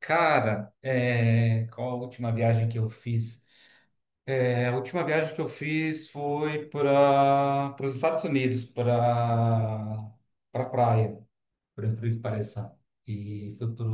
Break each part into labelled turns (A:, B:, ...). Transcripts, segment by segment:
A: Cara, qual a última viagem que eu fiz? A última viagem que eu fiz foi para os Estados Unidos, para praia, por incrível que pareça. E fui pro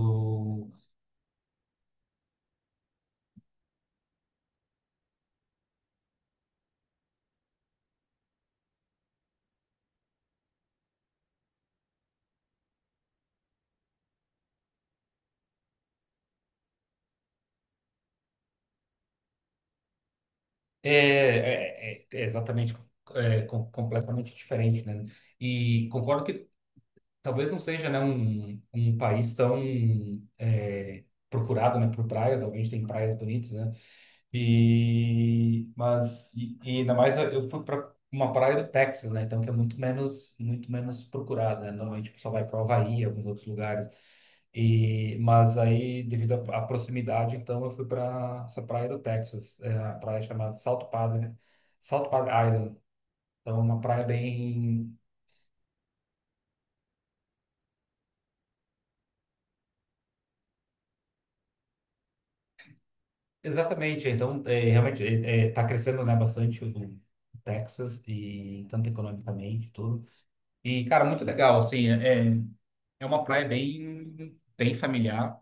A: exatamente completamente diferente, né? E concordo que talvez não seja, né, um país tão é, procurado, né, por praias. Obviamente tem praias bonitas, né? E ainda mais eu fui para uma praia do Texas, né? Então que é muito menos procurada, né? Normalmente o pessoal vai para o Havaí, alguns outros lugares. E mas aí devido à proximidade, então eu fui para essa praia do Texas, é a praia chamada Salto Padre, Salto Padre Island. Então é uma praia bem. Exatamente, então é, realmente está crescendo, né, bastante o Texas e tanto economicamente tudo. E cara, muito legal, assim, é uma praia bem familiar.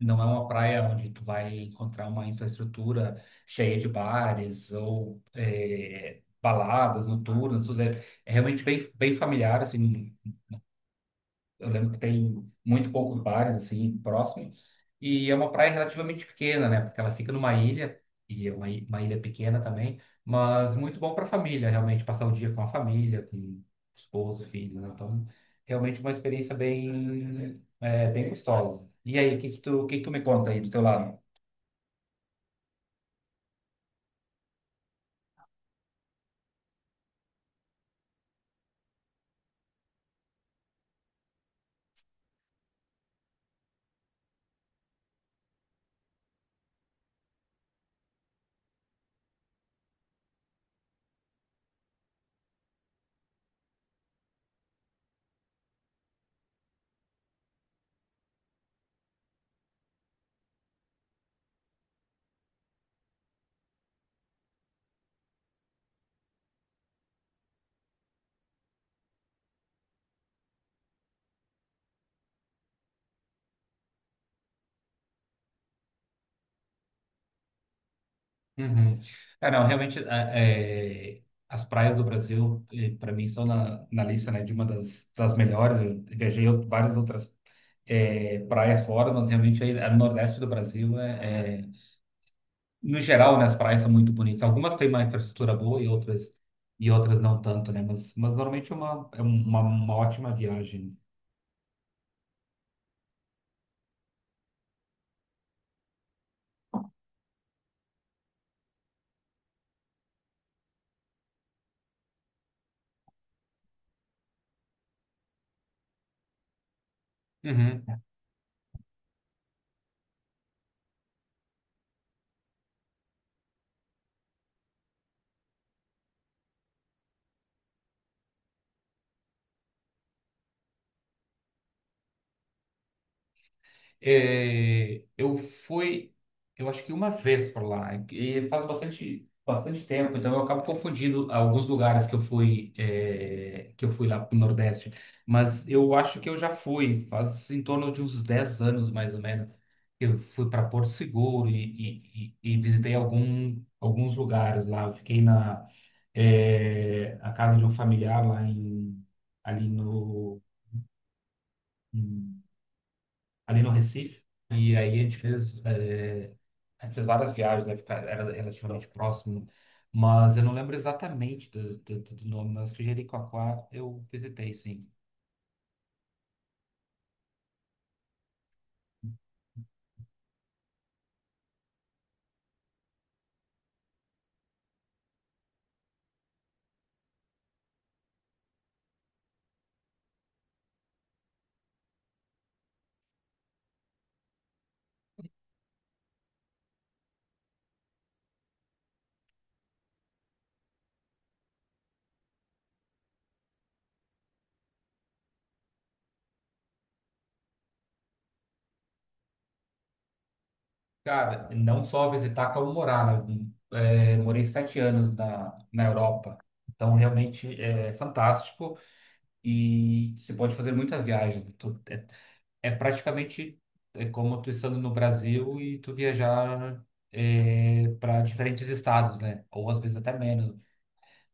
A: Não é uma praia onde tu vai encontrar uma infraestrutura cheia de bares ou baladas noturnas. Tudo. É realmente bem familiar, assim, eu lembro que tem muito poucos bares assim próximos e é uma praia relativamente pequena, né? Porque ela fica numa ilha e é uma ilha pequena também, mas muito bom para família, realmente passar o dia com a família, com esposo, filho, né? Então, realmente uma experiência bem bem gostosa. E aí, o que que tu, o que que tu me conta aí do teu lado? Uhum. Não, realmente, as praias do Brasil, para mim, são na lista, né, de uma das melhores. Eu viajei várias outras praias fora, mas realmente aí, a Nordeste do Brasil, no geral, né, as praias são muito bonitas. Algumas têm uma infraestrutura boa e outras não tanto, né? Mas normalmente é uma ótima viagem. Uhum. Eu fui, eu acho que uma vez por lá, e faz bastante, bastante tempo, então eu acabo confundindo alguns lugares que eu fui, que eu fui lá pro Nordeste. Mas eu acho que eu já fui, faz em torno de uns 10 anos mais ou menos. Eu fui para Porto Seguro e visitei alguns lugares lá. Eu fiquei a casa de um familiar lá ali no Recife. E aí a gente fez, a gente fez várias viagens, né? Porque era relativamente próximo, mas eu não lembro exatamente do nome, mas acho que Jericoacoara eu visitei, sim. Cara, não só visitar, como morar, né? Morei sete anos na Europa, então realmente é fantástico. E você pode fazer muitas viagens. É praticamente é como tu estando no Brasil e tu viajar para diferentes estados, né? Ou às vezes até menos.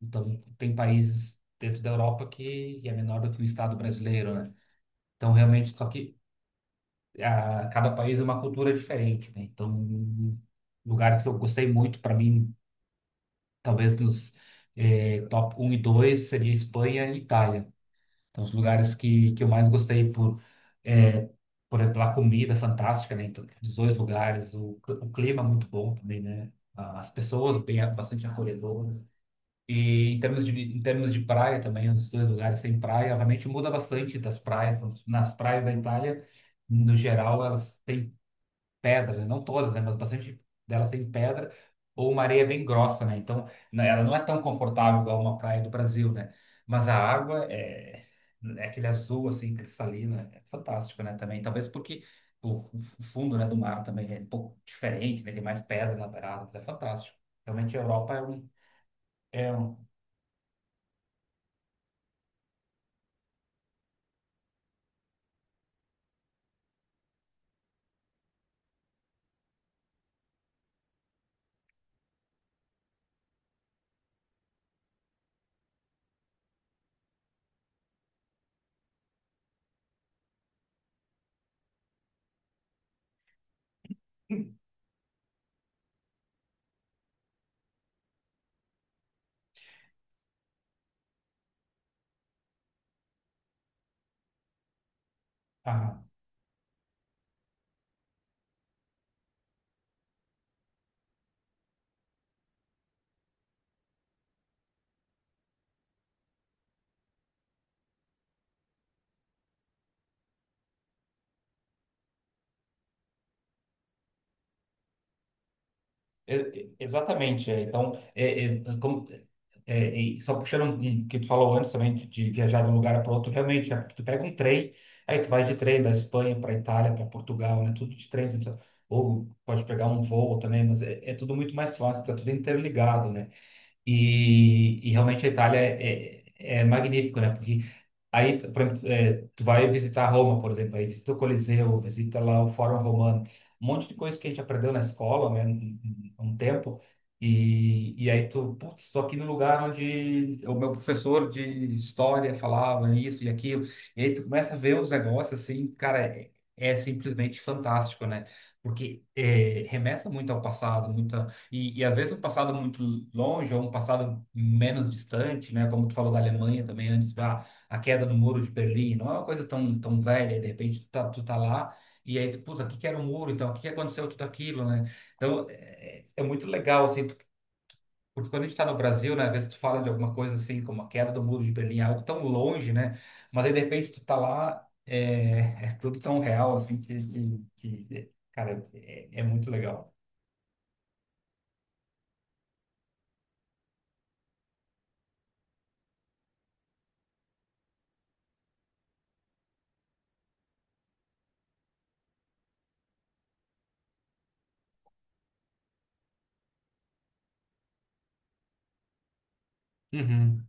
A: Então, tem países dentro da Europa que, é menor do que o estado brasileiro, né? Então, realmente, só que ah, cada país é uma cultura diferente, né? Então, lugares que eu gostei muito, para mim, talvez nos eh, top um e dois, seria Espanha e Itália. Então, os lugares que eu mais gostei por, é, por exemplo, a comida fantástica, né? Então, os dois lugares, o clima é muito bom também, né? As pessoas bem, bastante acolhedoras. E em termos de, em termos de praia também, os dois lugares têm praia, obviamente muda bastante das praias. Nas praias da Itália, no geral, elas têm pedra, né? Não todas, né, mas bastante delas tem pedra ou uma areia bem grossa, né? Então, ela não é tão confortável igual uma praia do Brasil, né? Mas a água é aquele azul assim cristalina, é fantástico, né? Também, talvez porque o fundo, né, do mar também é um pouco diferente, né? Tem mais pedra na beirada, mas é fantástico. Realmente a Europa é um, é um. Ah, exatamente, é. Então, como, e só puxando um que tu falou antes também de viajar de um lugar para outro, realmente, é, porque tu pega um trem, aí tu vai de trem da Espanha para Itália, para Portugal, né? Tudo de trem, tu não precisa- ou pode pegar um voo também, mas é tudo muito mais fácil, porque é tudo interligado, né? E realmente a Itália é magnífico, né? Porque aí, por exemplo, tu vai visitar Roma, por exemplo, aí visita o Coliseu, visita lá o Fórum Romano, um monte de coisa que a gente aprendeu na escola, né, um tempo, e aí tu, putz, estou aqui no lugar onde o meu professor de história falava isso e aquilo, e aí tu começa a ver os negócios assim, cara, é simplesmente fantástico, né? Porque é, remessa muito ao passado, e às vezes um passado muito longe ou um passado menos distante, né? Como tu falou da Alemanha também antes, a queda do Muro de Berlim, não é uma coisa tão, tão velha, de repente tu tá lá e aí tu, puta, o que que era o muro então? O que que aconteceu tudo aquilo, né? Então, é muito legal, assim, tu- porque quando a gente tá no Brasil, né? Às vezes tu fala de alguma coisa assim, como a queda do Muro de Berlim, é algo tão longe, né? Mas aí de repente tu tá lá, é, é tudo tão real, assim, que, que cara, é muito legal. Uhum.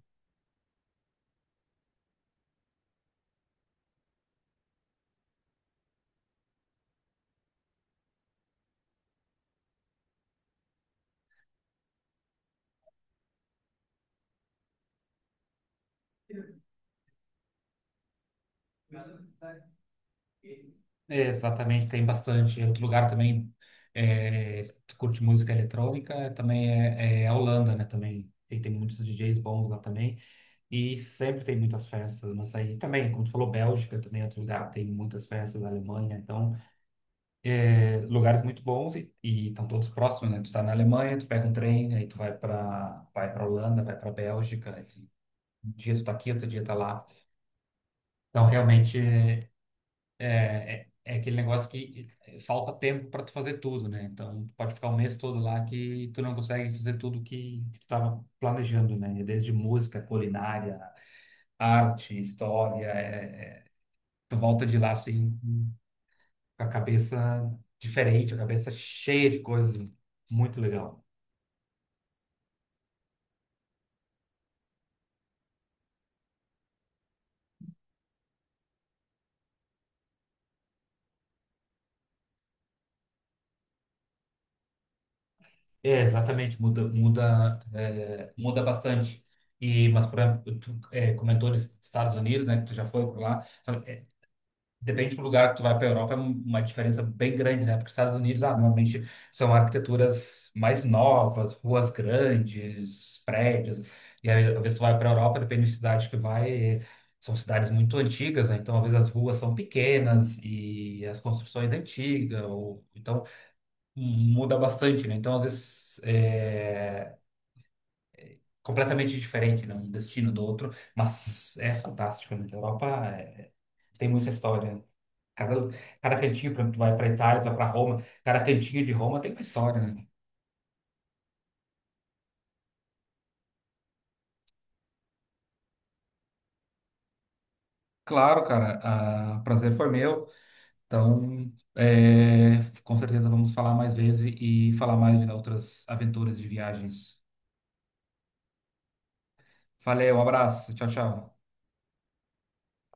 A: É, exatamente, tem bastante. Outro lugar também que curte música eletrônica também é a Holanda, né? Também e tem muitos DJs bons lá também e sempre tem muitas festas. Mas aí também, como tu falou, Bélgica também é outro lugar tem muitas festas. Alemanha, então lugares muito bons e estão todos próximos, né? Tu tá na Alemanha, tu pega um trem, aí tu vai para vai para Holanda, vai para Bélgica. E um dia tu tá aqui, outro dia tá lá. Então realmente é, é aquele negócio que falta tempo para tu fazer tudo, né? Então, tu pode ficar o mês todo lá que tu não consegue fazer tudo que tu estava planejando, né? Desde música, culinária, arte, história. Tu volta de lá assim, com a cabeça diferente, a cabeça cheia de coisas, né? Muito legal. É, exatamente, muda, muda, muda bastante. E, mas, por exemplo, tu comentou nos Estados Unidos, né? Que tu já foi por lá. Depende do lugar que tu vai para a Europa, é uma diferença bem grande, né? Porque os Estados Unidos, ah, normalmente são arquiteturas mais novas, ruas grandes, prédios. E aí, às vezes tu vai para a Europa, depende da cidade que vai, são cidades muito antigas, né? Então, às vezes as ruas são pequenas e as construções antigas, ou, então muda bastante, né? Então, às vezes é completamente diferente, né? Um destino do outro, mas é fantástico, né? A Europa é- tem muita história, né? Cada, cada cantinho, por exemplo, tu vai para Itália, tu vai para Roma, cada cantinho de Roma tem uma história, né? Claro, cara, o prazer foi meu. Então, com certeza vamos falar mais vezes e falar mais de outras aventuras de viagens. Valeu, um abraço, tchau, tchau.